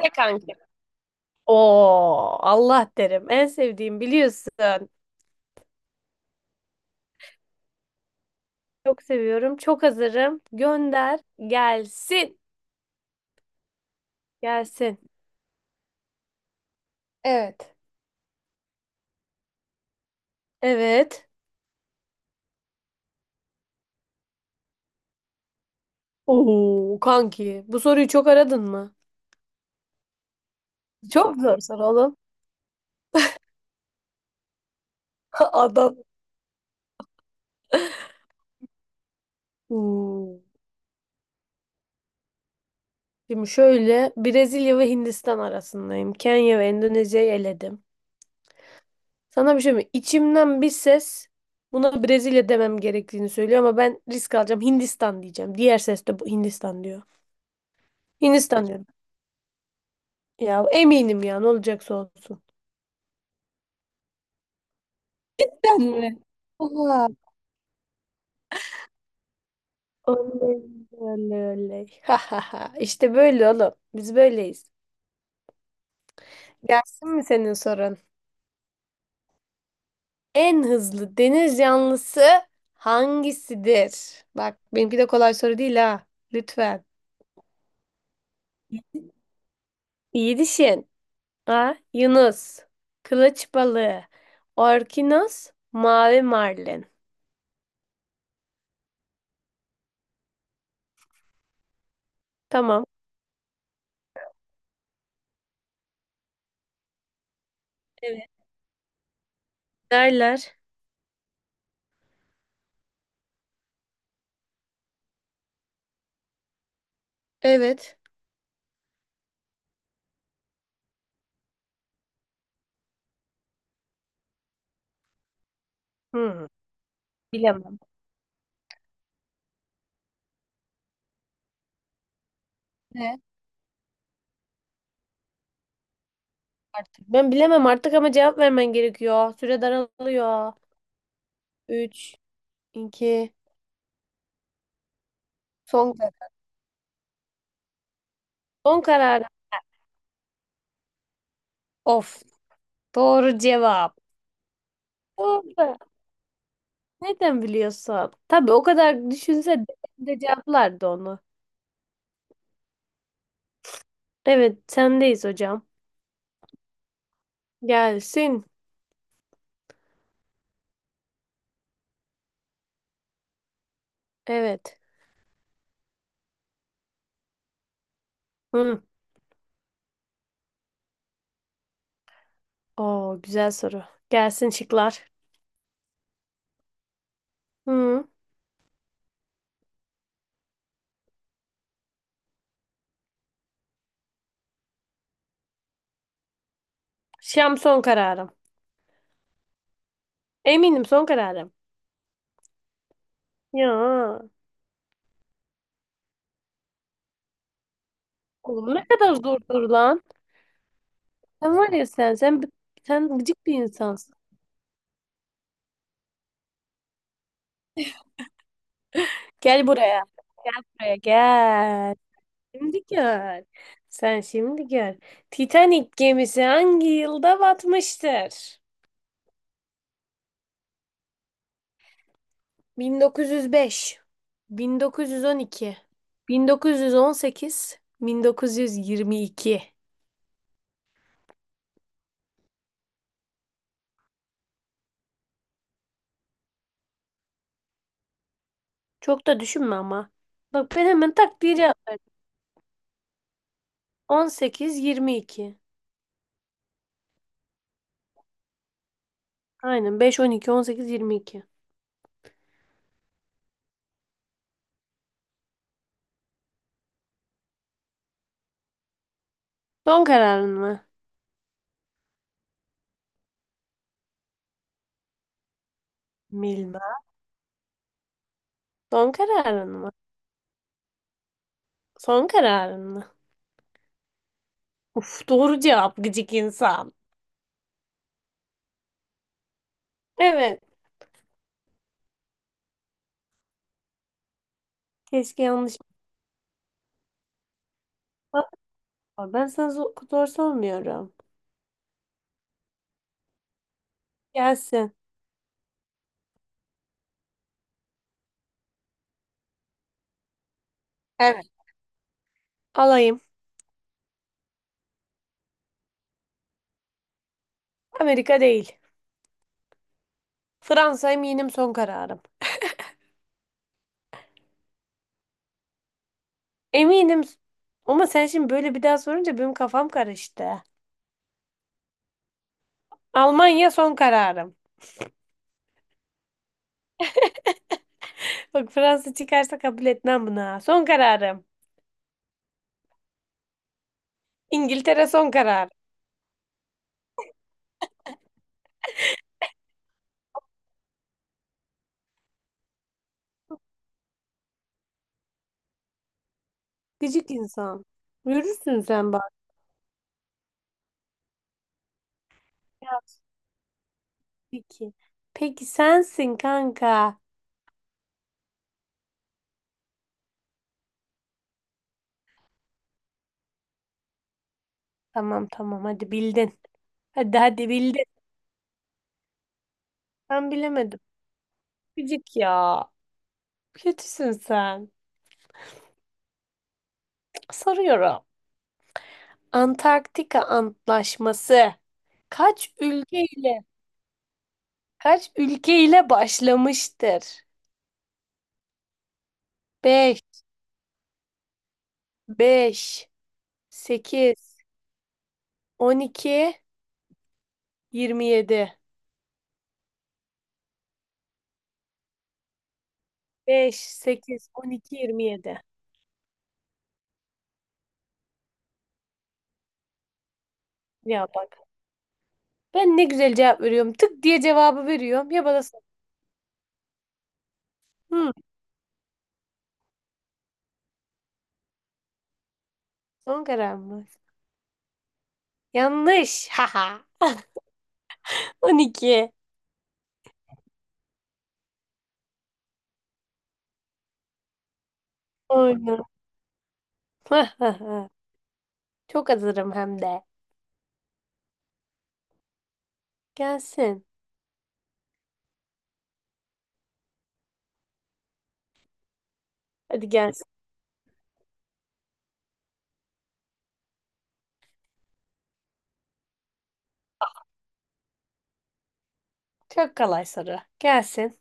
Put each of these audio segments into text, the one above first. Ne kanki? Oo, Allah derim. En sevdiğim biliyorsun. Çok seviyorum. Çok hazırım. Gönder. Gelsin. Gelsin. Evet. Evet. Oo, kanki. Bu soruyu çok aradın mı? Çok zor soru oğlum. Adam. Oo. Şimdi şöyle Brezilya ve Hindistan arasındayım. Kenya ve Endonezya'yı eledim. Sana bir şey mi? İçimden bir ses buna Brezilya demem gerektiğini söylüyor ama ben risk alacağım. Hindistan diyeceğim. Diğer ses de bu Hindistan diyor. Hindistan diyorum. Ya eminim ya ne olacaksa olsun. Ben mi? Oha. Oley, oley, oley. Ha ha ha. İşte böyle oğlum. Biz böyleyiz. Gelsin mi senin sorun? En hızlı deniz canlısı hangisidir? Bak benimki de kolay soru değil ha. Lütfen. İyi düşün. A. Yunus. Kılıç balığı. Orkinos. Mavi marlin. Tamam. Evet. Derler. Evet. Hmm. Bilemem artık. Ben bilemem artık ama cevap vermen gerekiyor. Süre daralıyor. 3, 2. Son karar. Son karar. Of. Doğru cevap. Doğru. Neden biliyorsun? Tabii o kadar düşünse de cevaplardı onu. Evet, sendeyiz hocam. Gelsin. Evet. Hı. Oo, güzel soru. Gelsin şıklar. Hı. Şam son kararım. Eminim son kararım. Ya. Oğlum ne kadar zor soru lan. Sen var ya sen gıcık bir insansın. Gel buraya. Buraya gel. Şimdi gör. Sen şimdi gör. Titanic gemisi hangi yılda batmıştır? 1905, 1912, 1918, 1922. Çok da düşünme ama. Bak ben hemen tak diye cevap verdim. 18, 22. Aynen 5, 12, 18, 22. Son kararın mı? Bilmem. Son kararın mı? Son kararın mı? Uf, doğru cevap gıcık insan. Evet. Keşke yanlışlıkla. Ben sana zor sormuyorum. Gelsin. Evet. Alayım. Amerika değil. Fransa, eminim son kararım. Eminim. Ama sen şimdi böyle bir daha sorunca benim kafam karıştı. Almanya son kararım. Bak Fransa çıkarsa kabul etmem buna. Son kararım. İngiltere son karar. Gıcık insan. Yürürsün sen bak. Ya. Peki. Peki sensin kanka. Tamam, tamam, hadi bildin. Hadi, hadi bildin. Ben bilemedim. Gıcık ya. Kötüsün sen. Soruyorum. Antarktika Antlaşması kaç ülkeyle kaç ülkeyle başlamıştır? Beş, beş, sekiz, 12, 27. Beş, sekiz, on iki, yirmi yedi. Ya bak. Ben ne güzel cevap veriyorum. Tık diye cevabı veriyorum. Ya bana sor. Hı, son karar mı? Yanlış. Haha. 12. Oyna. Çok hazırım hem de. Gelsin. Hadi gel. Çok kolay soru. Gelsin.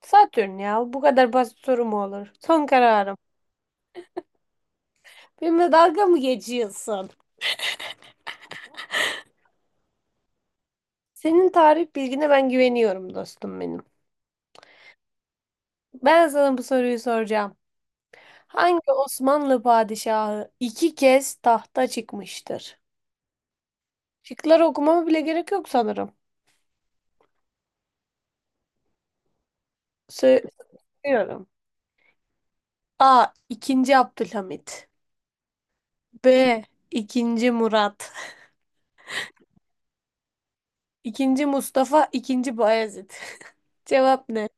Satürn ya. Bu kadar basit soru mu olur? Son kararım. Benimle dalga mı geçiyorsun? Senin tarih bilgine ben güveniyorum, dostum benim. Ben sana bu soruyu soracağım. Hangi Osmanlı padişahı iki kez tahta çıkmıştır? Şıkları okumama bile gerek yok sanırım. Söylüyorum. A. İkinci Abdülhamit. B. İkinci Murat. İkinci Mustafa. İkinci Bayezid. Cevap ne?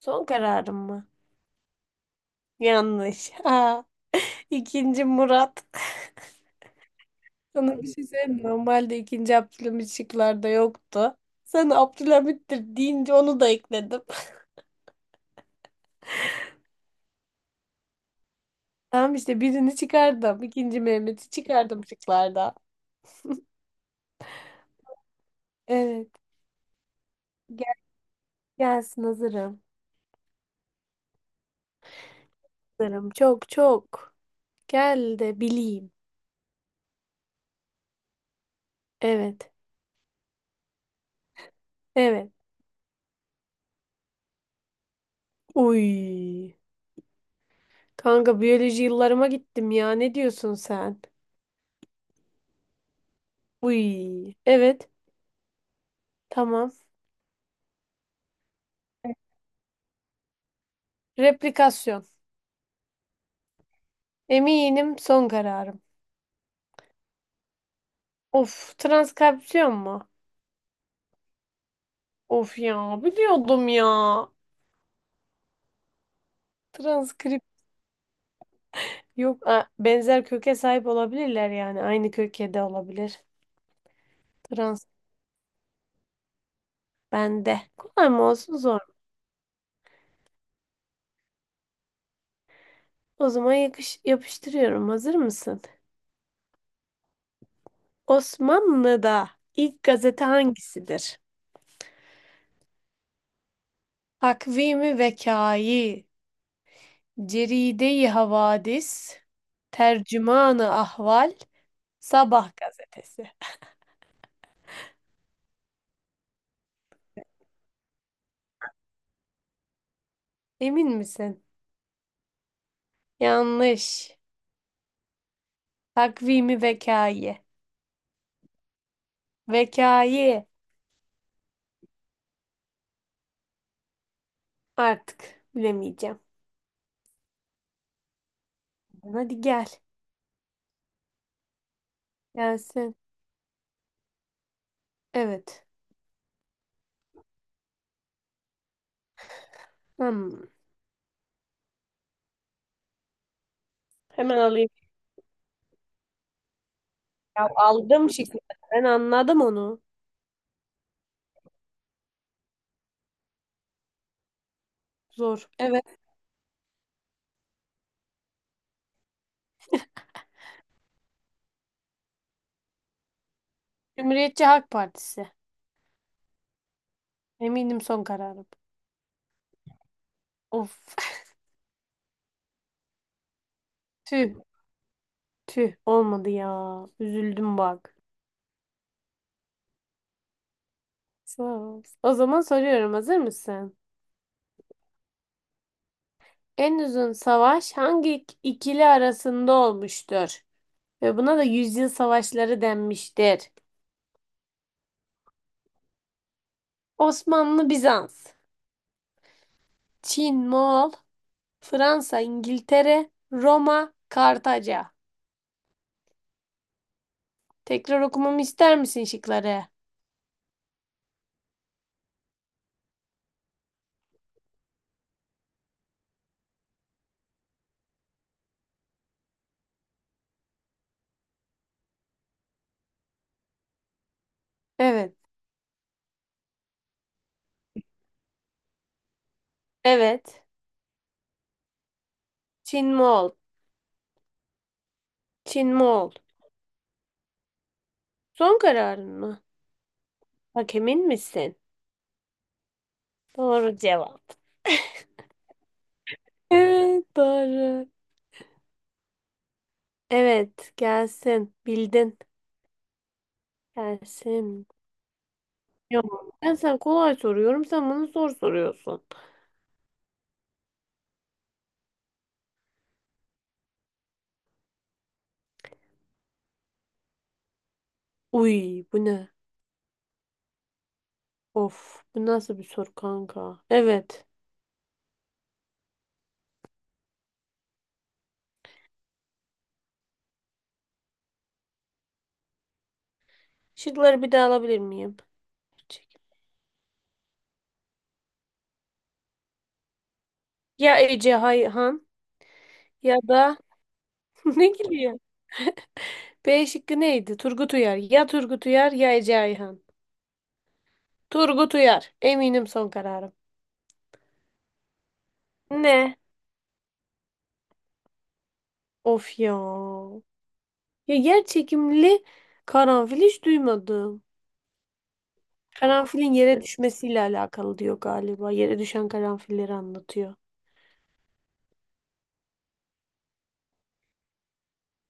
Son kararım mı? Yanlış. Aa, ikinci Murat. Sana bir şey söyleyeyim mi? Normalde ikinci Abdülhamit şıklarda yoktu. Sana Abdülhamit'tir deyince onu da ekledim. Tamam işte, birini çıkardım. İkinci Mehmet'i çıkardım şıklarda. Evet. Gel, gelsin hazırım. Hazırım. Çok çok. Gel de bileyim. Evet. Evet. Uy. Kanka, biyoloji yıllarıma gittim ya. Ne diyorsun sen? Uy. Evet. Tamam. Replikasyon. Eminim son kararım. Of, transkripsiyon mu? Of ya, biliyordum ya. Transkrip yok. Benzer köke sahip olabilirler yani. Aynı köke de olabilir. Trans bende. Kolay mı olsun zor mu? O zaman yapıştırıyorum. Hazır mısın? Osmanlı'da ilk gazete hangisidir? Takvimi Vekayi, Ceride-i Havadis, Tercümanı Ahval, Sabah gazetesi. Emin misin? Yanlış. Takvimi vekayı. Vekayı. Artık bilemeyeceğim. Hadi gel. Gelsin. Evet. Hmm. Hemen alayım. Ya, aldım şıkkı. Ben anladım onu. Zor. Evet. Cumhuriyetçi Halk Partisi. Eminim son kararım. Of. Tüh. Tüh. Olmadı ya. Üzüldüm bak. Sağ ol. O zaman soruyorum. Hazır mısın? En uzun savaş hangi ikili arasında olmuştur ve buna da yüzyıl savaşları denmiştir. Osmanlı, Bizans. Çin, Moğol. Fransa, İngiltere. Roma, Kartaca. Tekrar okumamı ister misin şıkları? Evet. Evet. Çin, Moğol. Çin, Moğol. Son kararın mı? Bak, emin misin? Doğru cevap. Evet, doğru. Evet, gelsin. Bildin. Gelsin. Yo. Ben sana kolay soruyorum. Sen bana zor soruyorsun. Uy, bu ne? Of, bu nasıl bir soru kanka? Evet. Şıkları bir daha alabilir miyim? Ya Ece Hayhan ya da ne gülüyor? B şıkkı neydi? Turgut Uyar. Ya Turgut Uyar ya Ece Ayhan. Turgut Uyar. Eminim son kararım. Ne? Of ya. Ya, yer çekimli karanfil hiç duymadım. Karanfilin yere düşmesiyle alakalı diyor galiba. Yere düşen karanfilleri anlatıyor.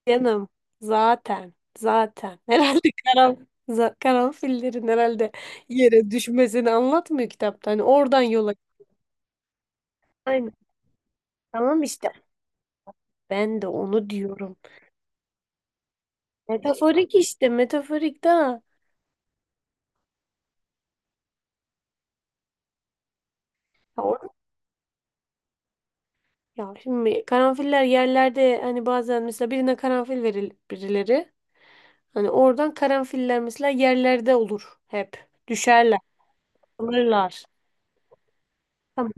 Canım zaten herhalde karanfillerin herhalde yere düşmesini anlatmıyor kitapta. Hani oradan yola. Aynen. Tamam işte, ben de onu diyorum. Metaforik işte, metaforik daha. Ya şimdi karanfiller yerlerde, hani bazen mesela birine karanfil verir birileri. Hani oradan karanfiller mesela yerlerde olur hep. Düşerler, alırlar. Tamam.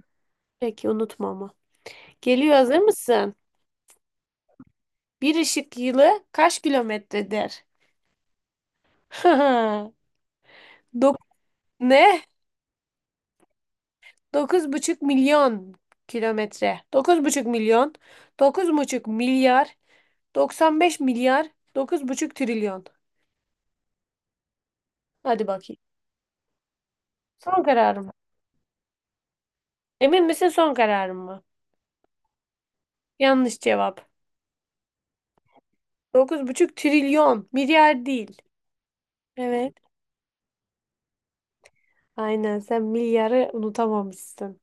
Peki unutma ama. Geliyor, hazır mısın? Bir ışık yılı kaç kilometredir? Dok ne? 9,5 milyon kilometre. 9,5 milyon. 9,5 milyar. 95 milyar. 9,5 trilyon. Hadi bakayım. Son kararım. Emin misin, son kararın mı? Yanlış cevap. 9,5 trilyon. Milyar değil. Evet. Aynen, sen milyarı unutamamışsın.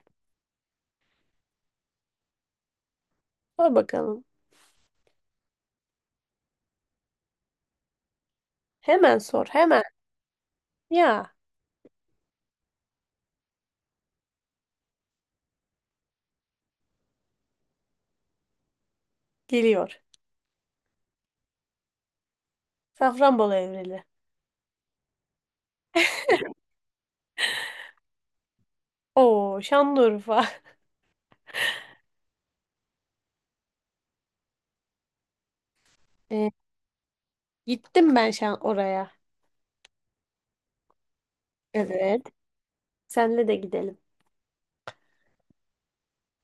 Sor bakalım. Hemen sor hemen. Ya, geliyor. Safranbolu Evreli. Oo, Şanlıurfa. Ee, gittim ben oraya. Evet. Senle de gidelim.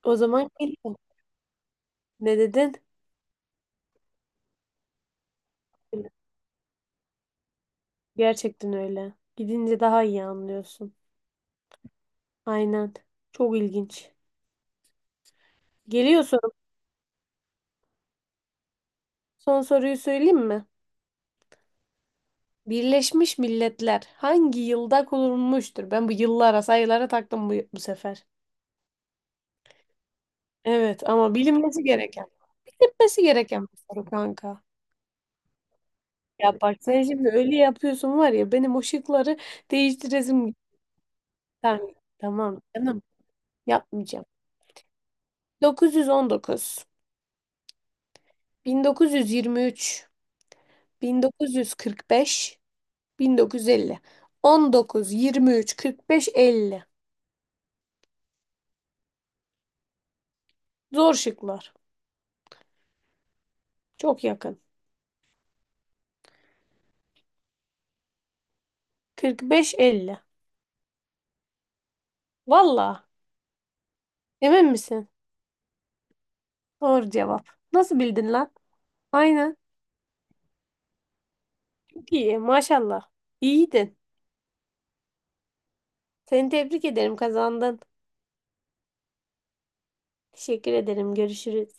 O zaman gidelim. Ne dedin? Gerçekten öyle. Gidince daha iyi anlıyorsun. Aynen. Çok ilginç. Geliyor sorum. Son soruyu söyleyeyim mi? Birleşmiş Milletler hangi yılda kurulmuştur? Ben bu yıllara, sayılara taktım bu sefer. Evet ama bilinmesi gereken bir soru kanka. Ya bak, sen şimdi öyle yapıyorsun, var ya, benim o şıkları değiştiresim. Tamam, tamam canım, yapmayacağım. 919, 19, 1923, 1945, 1950. 19, 23, 45, 50. Zor şıklar. Çok yakın. 45, 50. Valla. Emin misin? Doğru cevap. Nasıl bildin lan? Aynen. Çok iyi maşallah. İyiydin. Seni tebrik ederim, kazandın. Teşekkür ederim. Görüşürüz.